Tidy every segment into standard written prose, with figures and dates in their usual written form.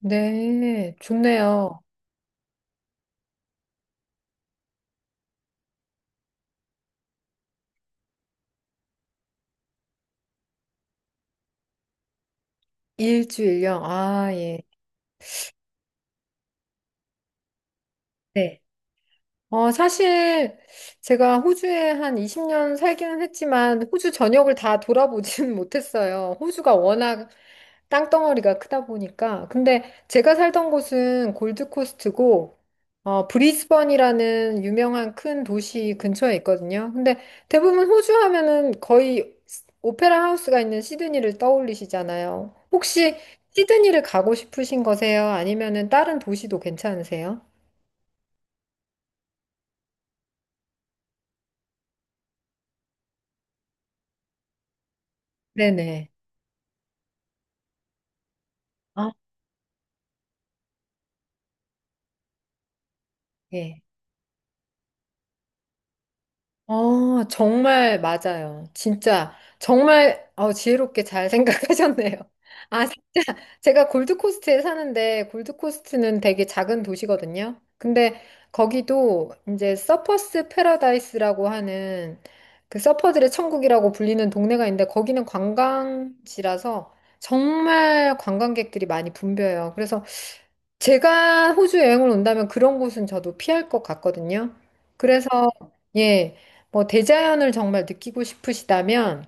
네, 좋네요. 일주일령. 아, 예. 네. 사실 제가 호주에 한 20년 살기는 했지만 호주 전역을 다 돌아보지는 못했어요. 호주가 워낙 땅덩어리가 크다 보니까. 근데 제가 살던 곳은 골드코스트고, 브리즈번이라는 유명한 큰 도시 근처에 있거든요. 근데 대부분 호주 하면은 거의 오페라 하우스가 있는 시드니를 떠올리시잖아요. 혹시 시드니를 가고 싶으신 거세요? 아니면은 다른 도시도 괜찮으세요? 네네. 아, 예. 정말 맞아요. 진짜, 정말, 지혜롭게 잘 생각하셨네요. 아, 진짜, 제가 골드코스트에 사는데, 골드코스트는 되게 작은 도시거든요. 근데 거기도 이제 서퍼스 패러다이스라고 하는 그 서퍼들의 천국이라고 불리는 동네가 있는데, 거기는 관광지라서 정말 관광객들이 많이 붐벼요. 그래서 제가 호주 여행을 온다면 그런 곳은 저도 피할 것 같거든요. 그래서, 예, 뭐, 대자연을 정말 느끼고 싶으시다면,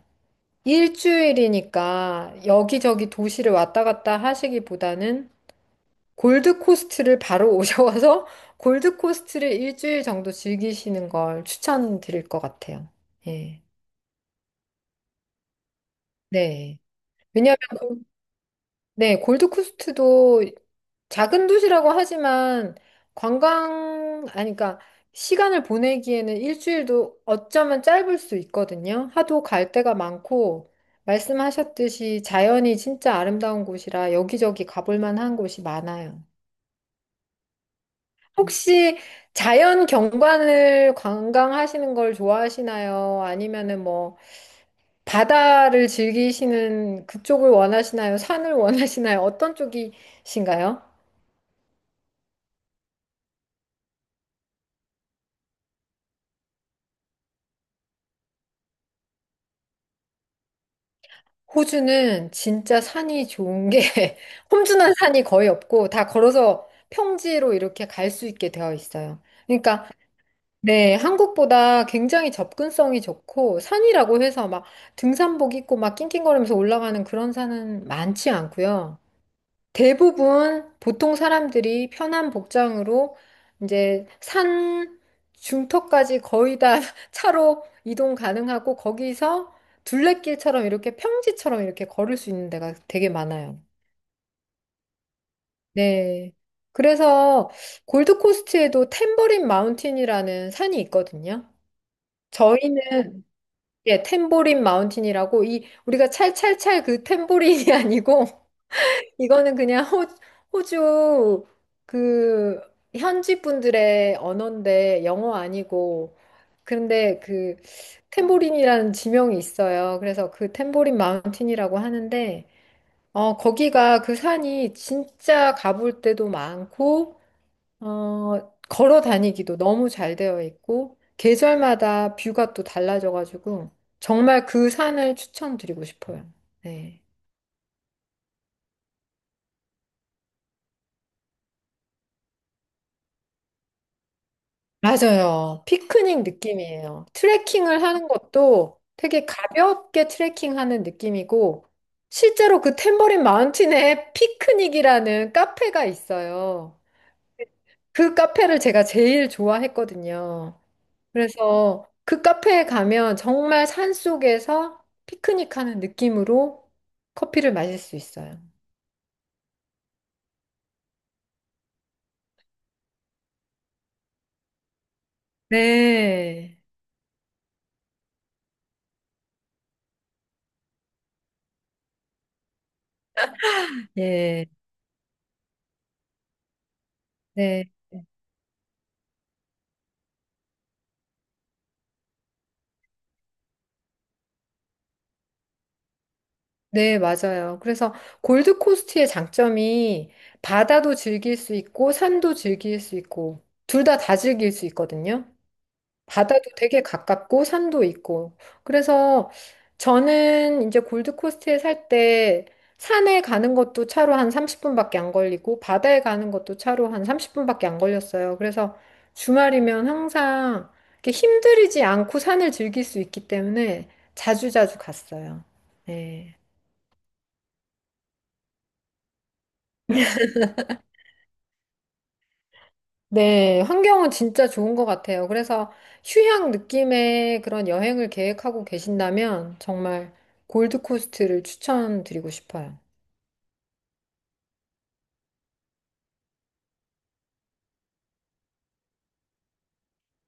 일주일이니까 여기저기 도시를 왔다 갔다 하시기보다는 골드코스트를 바로 오셔서 골드코스트를 일주일 정도 즐기시는 걸 추천드릴 것 같아요. 예. 네. 왜냐면, 네, 골드코스트도 작은 도시라고 하지만 관광, 아니, 그러니까 시간을 보내기에는 일주일도 어쩌면 짧을 수 있거든요. 하도 갈 데가 많고, 말씀하셨듯이 자연이 진짜 아름다운 곳이라 여기저기 가볼 만한 곳이 많아요. 혹시 자연 경관을 관광하시는 걸 좋아하시나요? 아니면은 뭐 바다를 즐기시는 그쪽을 원하시나요? 산을 원하시나요? 어떤 쪽이신가요? 호주는 진짜 산이 좋은 게 험준한 산이 거의 없고 다 걸어서 평지로 이렇게 갈 수 있게 되어 있어요. 그러니까 네, 한국보다 굉장히 접근성이 좋고 산이라고 해서 막 등산복 입고 막 낑낑거리면서 올라가는 그런 산은 많지 않고요. 대부분 보통 사람들이 편한 복장으로 이제 산 중턱까지 거의 다 차로 이동 가능하고 거기서 둘레길처럼 이렇게 평지처럼 이렇게 걸을 수 있는 데가 되게 많아요. 네. 그래서 골드코스트에도 탬버린 마운틴이라는 산이 있거든요. 저희는 예, 탬버린 마운틴이라고 이 우리가 찰찰찰 그 탬버린이 아니고 이거는 그냥 호주 그 현지 분들의 언어인데 영어 아니고 그런데 그 탬보린이라는 지명이 있어요. 그래서 그 탬보린 마운틴이라고 하는데 거기가 그 산이 진짜 가볼 때도 많고 걸어 다니기도 너무 잘 되어 있고 계절마다 뷰가 또 달라져 가지고 정말 그 산을 추천드리고 싶어요. 네. 맞아요. 피크닉 느낌이에요. 트레킹을 하는 것도 되게 가볍게 트레킹하는 느낌이고, 실제로 그 탬버린 마운틴에 피크닉이라는 카페가 있어요. 그 카페를 제가 제일 좋아했거든요. 그래서 그 카페에 가면 정말 산속에서 피크닉하는 느낌으로 커피를 마실 수 있어요. 네. 예. 네. 네, 맞아요. 그래서 골드코스트의 장점이 바다도 즐길 수 있고 산도 즐길 수 있고 둘 다 다 즐길 수 있거든요. 바다도 되게 가깝고 산도 있고. 그래서 저는 이제 골드코스트에 살 때 산에 가는 것도 차로 한 30분밖에 안 걸리고 바다에 가는 것도 차로 한 30분밖에 안 걸렸어요. 그래서 주말이면 항상 이렇게 힘들이지 않고 산을 즐길 수 있기 때문에 자주자주 갔어요. 네. 네, 환경은 진짜 좋은 것 같아요. 그래서 휴양 느낌의 그런 여행을 계획하고 계신다면 정말 골드코스트를 추천드리고 싶어요.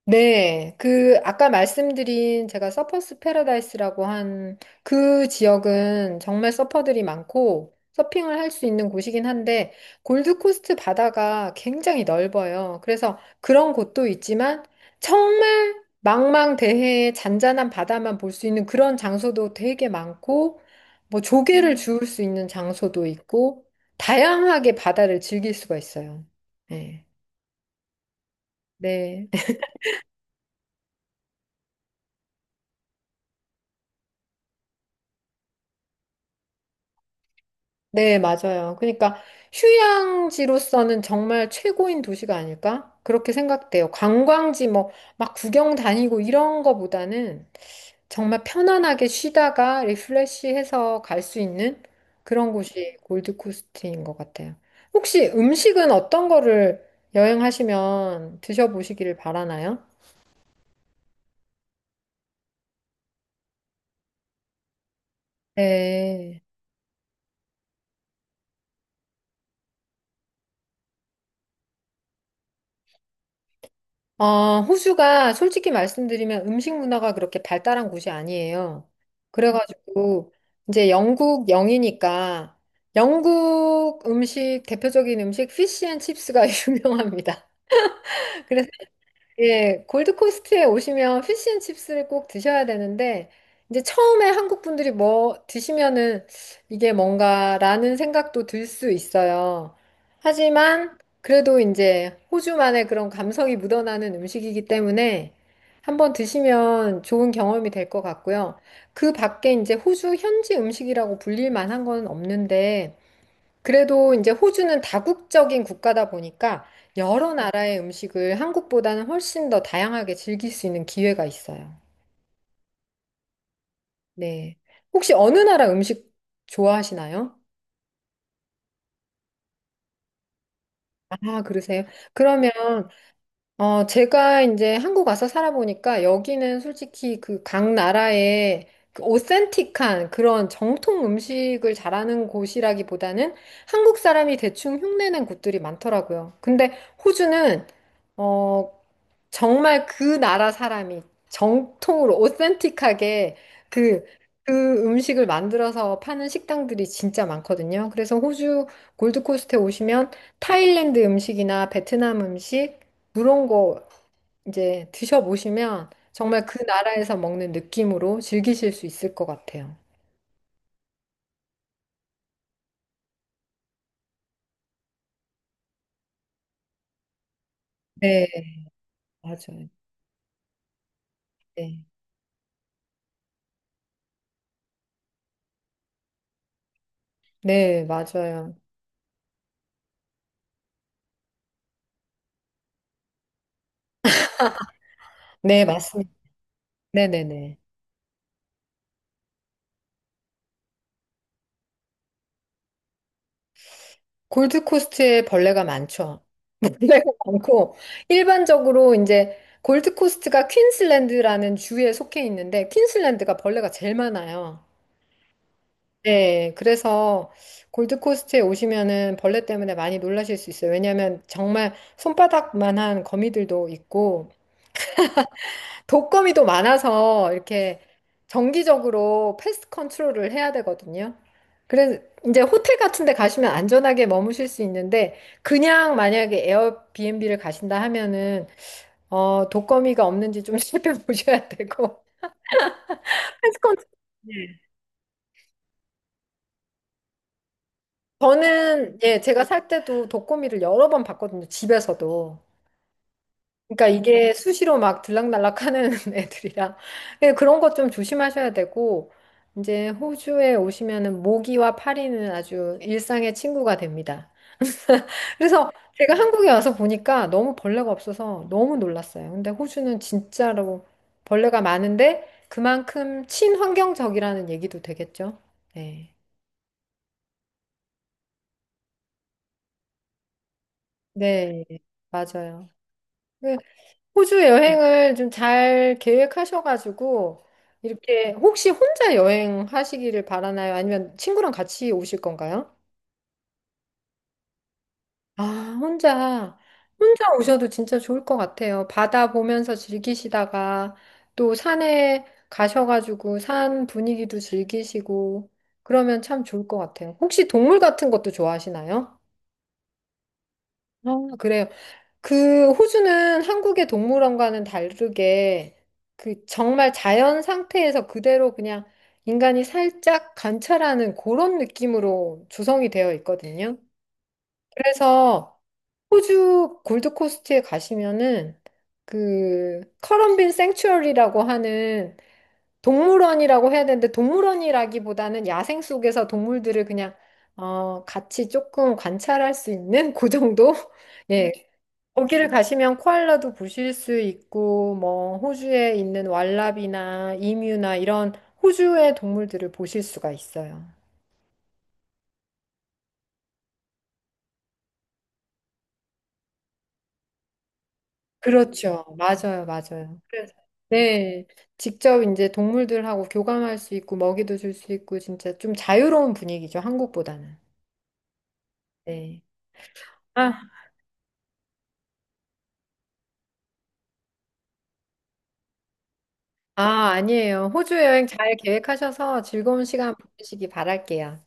네, 그 아까 말씀드린 제가 서퍼스 패러다이스라고 한 그 지역은 정말 서퍼들이 많고 서핑을 할 수 있는 곳이긴 한데 골드코스트 바다가 굉장히 넓어요. 그래서 그런 곳도 있지만 정말 망망대해의 잔잔한 바다만 볼 수 있는 그런 장소도 되게 많고 뭐 조개를 주울 수 있는 장소도 있고 다양하게 바다를 즐길 수가 있어요. 네. 네. 네, 맞아요. 그러니까 휴양지로서는 정말 최고인 도시가 아닐까? 그렇게 생각돼요. 관광지 뭐 막 구경 다니고 이런 거보다는 정말 편안하게 쉬다가 리프레시해서 갈 수 있는 그런 곳이 골드코스트인 것 같아요. 혹시 음식은 어떤 거를 여행하시면 드셔보시기를 바라나요? 네. 호주가 솔직히 말씀드리면 음식 문화가 그렇게 발달한 곳이 아니에요. 그래가지고 이제 영국 영이니까 영국 음식 대표적인 음식 피쉬 앤 칩스가 유명합니다. 그래서 예, 골드코스트에 오시면 피시앤칩스를 꼭 드셔야 되는데, 이제 처음에 한국 분들이 뭐 드시면은 이게 뭔가라는 생각도 들 수 있어요. 하지만 그래도 이제 호주만의 그런 감성이 묻어나는 음식이기 때문에 한번 드시면 좋은 경험이 될 것 같고요. 그 밖에 이제 호주 현지 음식이라고 불릴 만한 건 없는데, 그래도 이제 호주는 다국적인 국가다 보니까 여러 나라의 음식을 한국보다는 훨씬 더 다양하게 즐길 수 있는 기회가 있어요. 네. 혹시 어느 나라 음식 좋아하시나요? 아, 그러세요? 그러면 제가 이제 한국 와서 살아보니까 여기는 솔직히 그 각 나라의 그 오센틱한 그런 정통 음식을 잘하는 곳이라기보다는 한국 사람이 대충 흉내낸 곳들이 많더라고요. 근데 호주는 어, 정말 그 나라 사람이 정통으로 오센틱하게 그, 그 음식을 만들어서 파는 식당들이 진짜 많거든요. 그래서 호주 골드코스트에 오시면 타일랜드 음식이나 베트남 음식 그런 거 이제 드셔보시면 정말 그 나라에서 먹는 느낌으로 즐기실 수 있을 것 같아요. 네, 맞아요. 네, 네, 맞아요. 네, 맞습니다. 네네네. 골드코스트에 벌레가 많죠. 벌레가 많고, 일반적으로 이제 골드코스트가 퀸슬랜드라는 주에 속해 있는데, 퀸슬랜드가 벌레가 제일 많아요. 네, 그래서 골드코스트에 오시면은 벌레 때문에 많이 놀라실 수 있어요. 왜냐하면 정말 손바닥만한 거미들도 있고, 독거미도 많아서 이렇게 정기적으로 패스트 컨트롤을 해야 되거든요. 그래서 이제 호텔 같은 데 가시면 안전하게 머무실 수 있는데 그냥 만약에 에어비앤비를 가신다 하면은 독거미가 없는지 좀 살펴보셔야 되고 패스트 컨트롤 저는 예, 제가 살 때도 독거미를 여러 번 봤거든요. 집에서도. 그러니까 이게 수시로 막 들락날락 하는 애들이라 예, 그런 것 좀 조심하셔야 되고 이제 호주에 오시면은 모기와 파리는 아주 일상의 친구가 됩니다. 그래서 제가 한국에 와서 보니까 너무 벌레가 없어서 너무 놀랐어요. 근데 호주는 진짜로 벌레가 많은데 그만큼 친환경적이라는 얘기도 되겠죠. 네. 네, 맞아요. 그 호주 여행을 좀 잘 계획하셔가지고, 이렇게 혹시 혼자 여행하시기를 바라나요? 아니면 친구랑 같이 오실 건가요? 아, 혼자. 혼자 오셔도 진짜 좋을 것 같아요. 바다 보면서 즐기시다가 또 산에 가셔가지고 산 분위기도 즐기시고 그러면 참 좋을 것 같아요. 혹시 동물 같은 것도 좋아하시나요? 아, 그래요. 그 호주는 한국의 동물원과는 다르게 그 정말 자연 상태에서 그대로 그냥 인간이 살짝 관찰하는 그런 느낌으로 조성이 되어 있거든요. 그래서 호주 골드코스트에 가시면은 그 커럼빈 생츄어리라고 하는 동물원이라고 해야 되는데 동물원이라기보다는 야생 속에서 동물들을 그냥 같이 조금 관찰할 수 있는 그 정도? 예, 거기를 가시면 코알라도 보실 수 있고, 뭐, 호주에 있는 왈라비나 이뮤나 이런 호주의 동물들을 보실 수가 있어요. 그렇죠. 맞아요, 맞아요. 그래서, 네. 직접 이제 동물들하고 교감할 수 있고, 먹이도 줄 수 있고, 진짜 좀 자유로운 분위기죠, 한국보다는. 네. 아, 아, 아니에요. 호주 여행 잘 계획하셔서 즐거운 시간 보내시기 바랄게요.